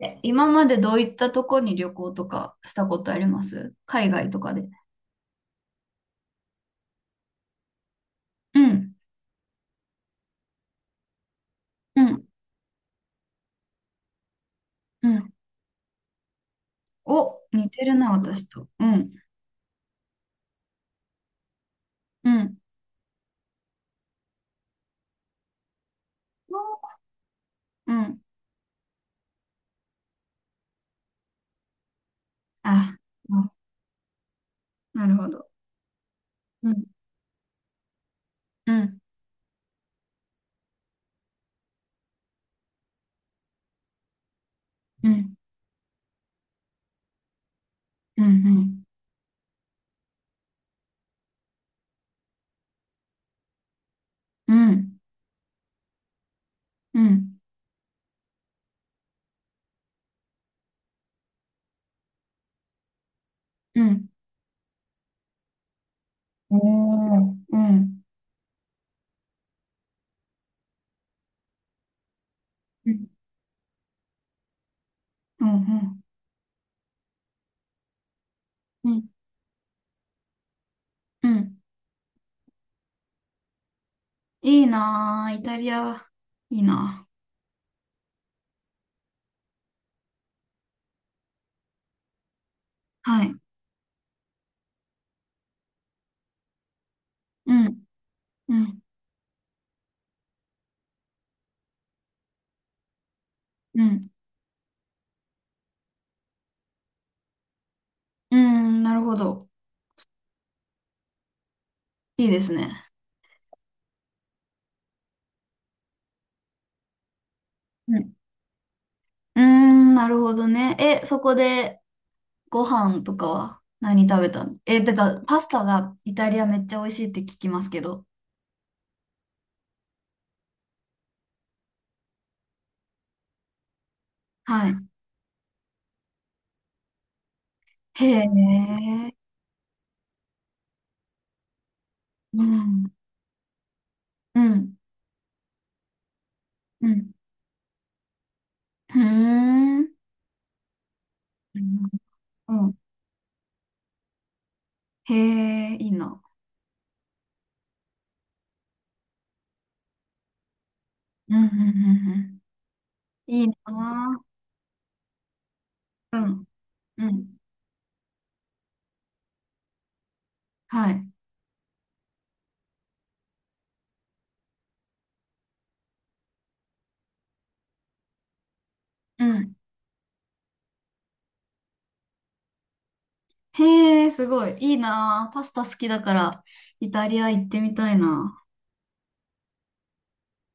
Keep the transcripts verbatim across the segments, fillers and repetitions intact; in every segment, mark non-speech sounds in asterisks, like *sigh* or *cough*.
え、今までどういったとこに旅行とかしたことあります？海外とかで。うん、うん、うん。お、似てるな、私と。うん、うん、うん。あ、あ、なるほど。うん、うん、うん、うん、うん、うん、うん、うん。おー、うん、うん、うん、うん、うん。いいなぁ、イタリア、いいなぁ。はい。うん、うん、うん、うん、なるほど。いいですね。うーん、なるほどね。え、そこでご飯とかは何食べたの？え、だからパスタがイタリアめっちゃ美味しいって聞きますけど。はい。へえ。うん。うん。うん。ふーん。うん。うん、へえ、いいな。うん。うん。うんうん、いいな。うん。うん。はい。うん。へえ、すごい。いいな。パスタ好きだから、イタリア行ってみたいな。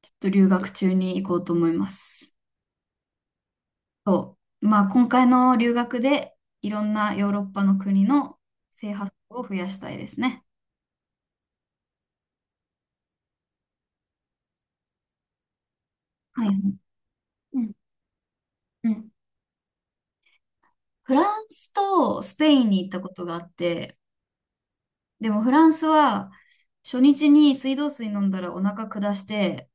ちょっと留学中に行こうと思います。そう。まあ、今回の留学でいろんなヨーロッパの国の制覇数を増やしたいですね。はいはい。うんうん。フランスとスペインに行ったことがあって、でもフランスは初日に水道水飲んだらお腹下して、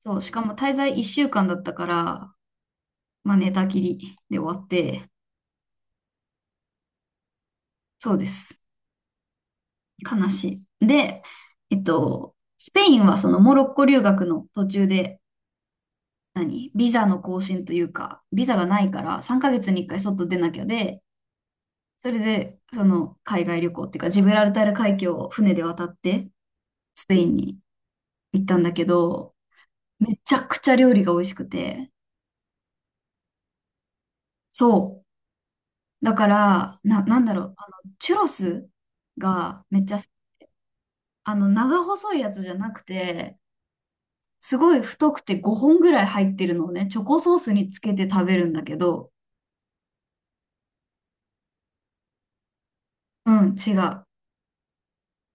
そう、しかも滞在いっしゅうかんだったから、まあ寝たきりで終わって、そうです。悲しい。で、えっと、スペインはそのモロッコ留学の途中で何ビザの更新というか、ビザがないからさんかげつにいっかい外出なきゃで、それでその海外旅行っていうか、ジブラルタル海峡を船で渡ってスペインに行ったんだけど、めちゃくちゃ料理が美味しくて、そう。だから、な、なんだろう、あの、チュロスがめっちゃ、あの、長細いやつじゃなくて、すごい太くてごほんぐらい入ってるのをね、チョコソースにつけて食べるんだけど、うん、違う。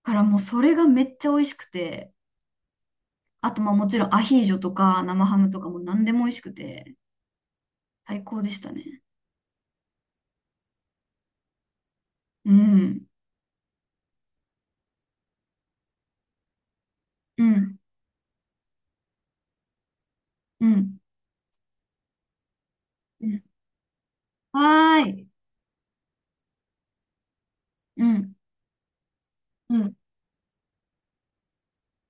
からもうそれがめっちゃ美味しくて、あと、まあもちろんアヒージョとか生ハムとかも何でも美味しくて、最高でしたね。うん。うん。うん。うんはーい。うん。うん。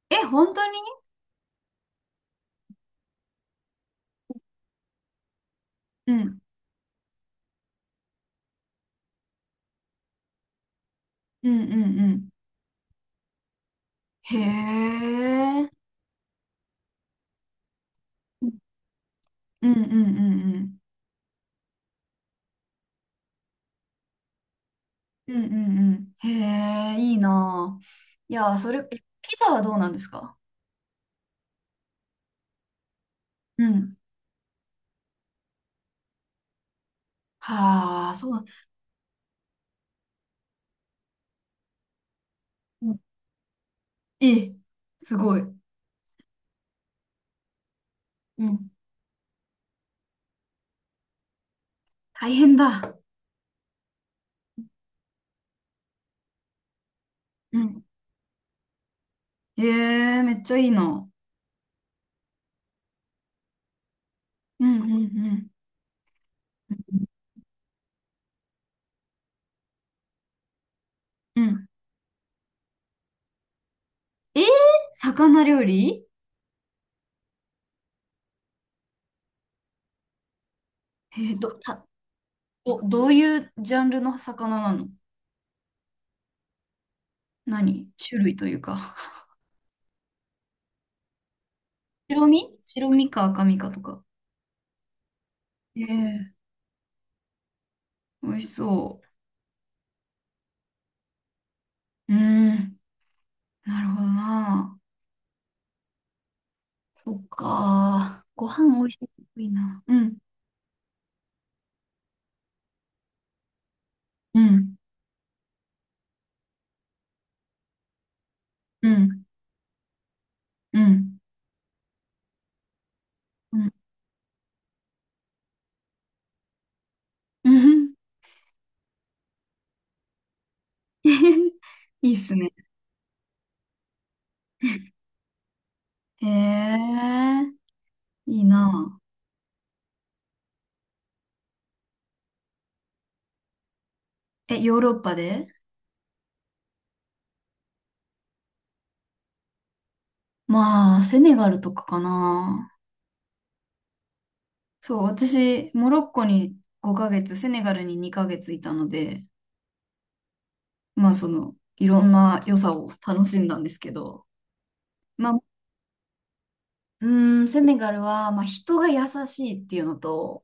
え、本当に？うん。うん。うん。うん。へえ。うんうんうんうん。うんうんうん。へえ、いいなあ、いやあそれ、えピザはどうなんですか？うん。はあ、そう。うん、え、すごい。うん。大変だ。うん。へえ、めっちゃいいな。うんうんうん。うん。えー、魚料理？えー、ど、た、ど、どういうジャンルの魚なの？何種類というか。白身白身か赤身かとか。ええ、美味しそう。うーん。なるほどな。そっか。ご飯美味しいっていいな。うん。うん。うん。うん。うん。うん。 *laughs* いいっすね。へえ、いいな。え、ヨーロッパで？まあ、セネガルとかかな。そう、私、モロッコにごかげつ、セネガルににかげついたので、まあ、その、いろんな良さを楽しんだんですけど、まあ、うーん、セネガルは、まあ、人が優しいっていうのと、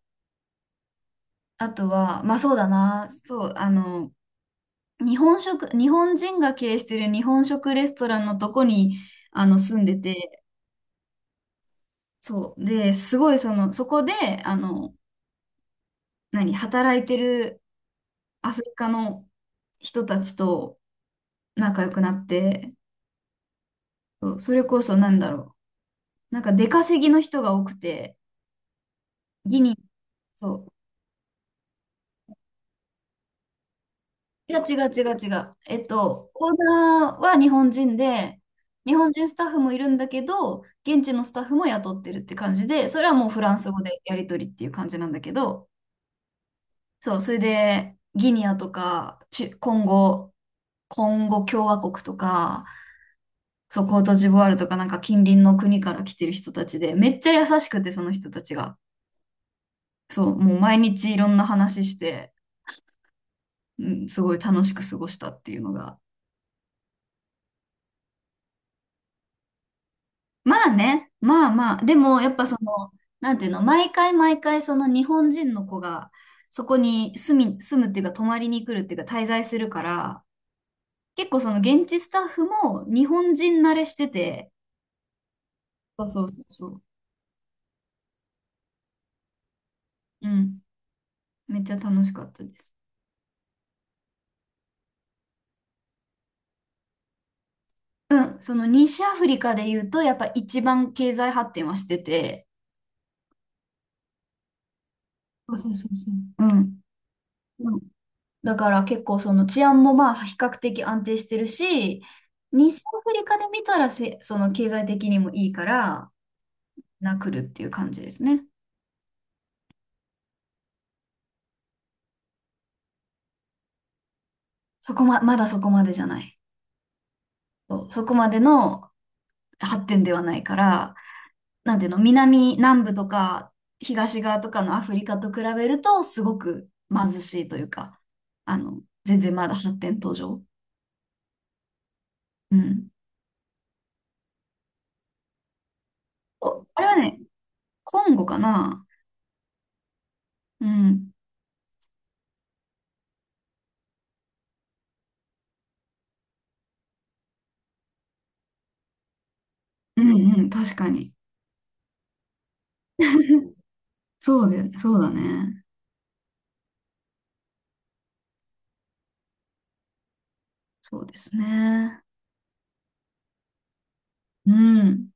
あとは、まあ、そうだな、そう、あの、日本食、日本人が経営してる日本食レストランのとこに、あの、住んでて、そう、で、すごい、その、そこで、あの、何、働いてるアフリカの人たちと仲良くなって、そう、それこそなんだろう。なんか出稼ぎの人が多くて、ギニ、そう。いや、違う違う違う。えっと、オーナーは日本人で、日本人スタッフもいるんだけど、現地のスタッフも雇ってるって感じで、それはもうフランス語でやり取りっていう感じなんだけど、そう、それで、ギニアとか、チュコンゴ、コンゴ共和国とか、そう、コートジボワールとか、なんか近隣の国から来てる人たちで、めっちゃ優しくて、その人たちが。そう、もう毎日いろんな話して、うん、すごい楽しく過ごしたっていうのが。まあね、まあまあ、でもやっぱその、なんていうの、毎回毎回その日本人の子がそこに住み、住むっていうか泊まりに来るっていうか滞在するから、結構その現地スタッフも日本人慣れしてて、そうそうそうそう、うん、めっちゃ楽しかったです。うん、その西アフリカで言うとやっぱ一番経済発展はしてて、そうそうそうそう。うん。だから結構その治安もまあ比較的安定してるし、西アフリカで見たらせ、その経済的にもいいから、なくるっていう感じですね。そこま、まだそこまでじゃない。そう、そこまでの発展ではないから、なんていうの、南、南部とか東側とかのアフリカと比べると、すごく貧しいというか、あの、全然まだ発展途上。うん。お、あれはね、コンゴかな。うん。うんうん、確かに。そうで、そうだね。そうですね。うん。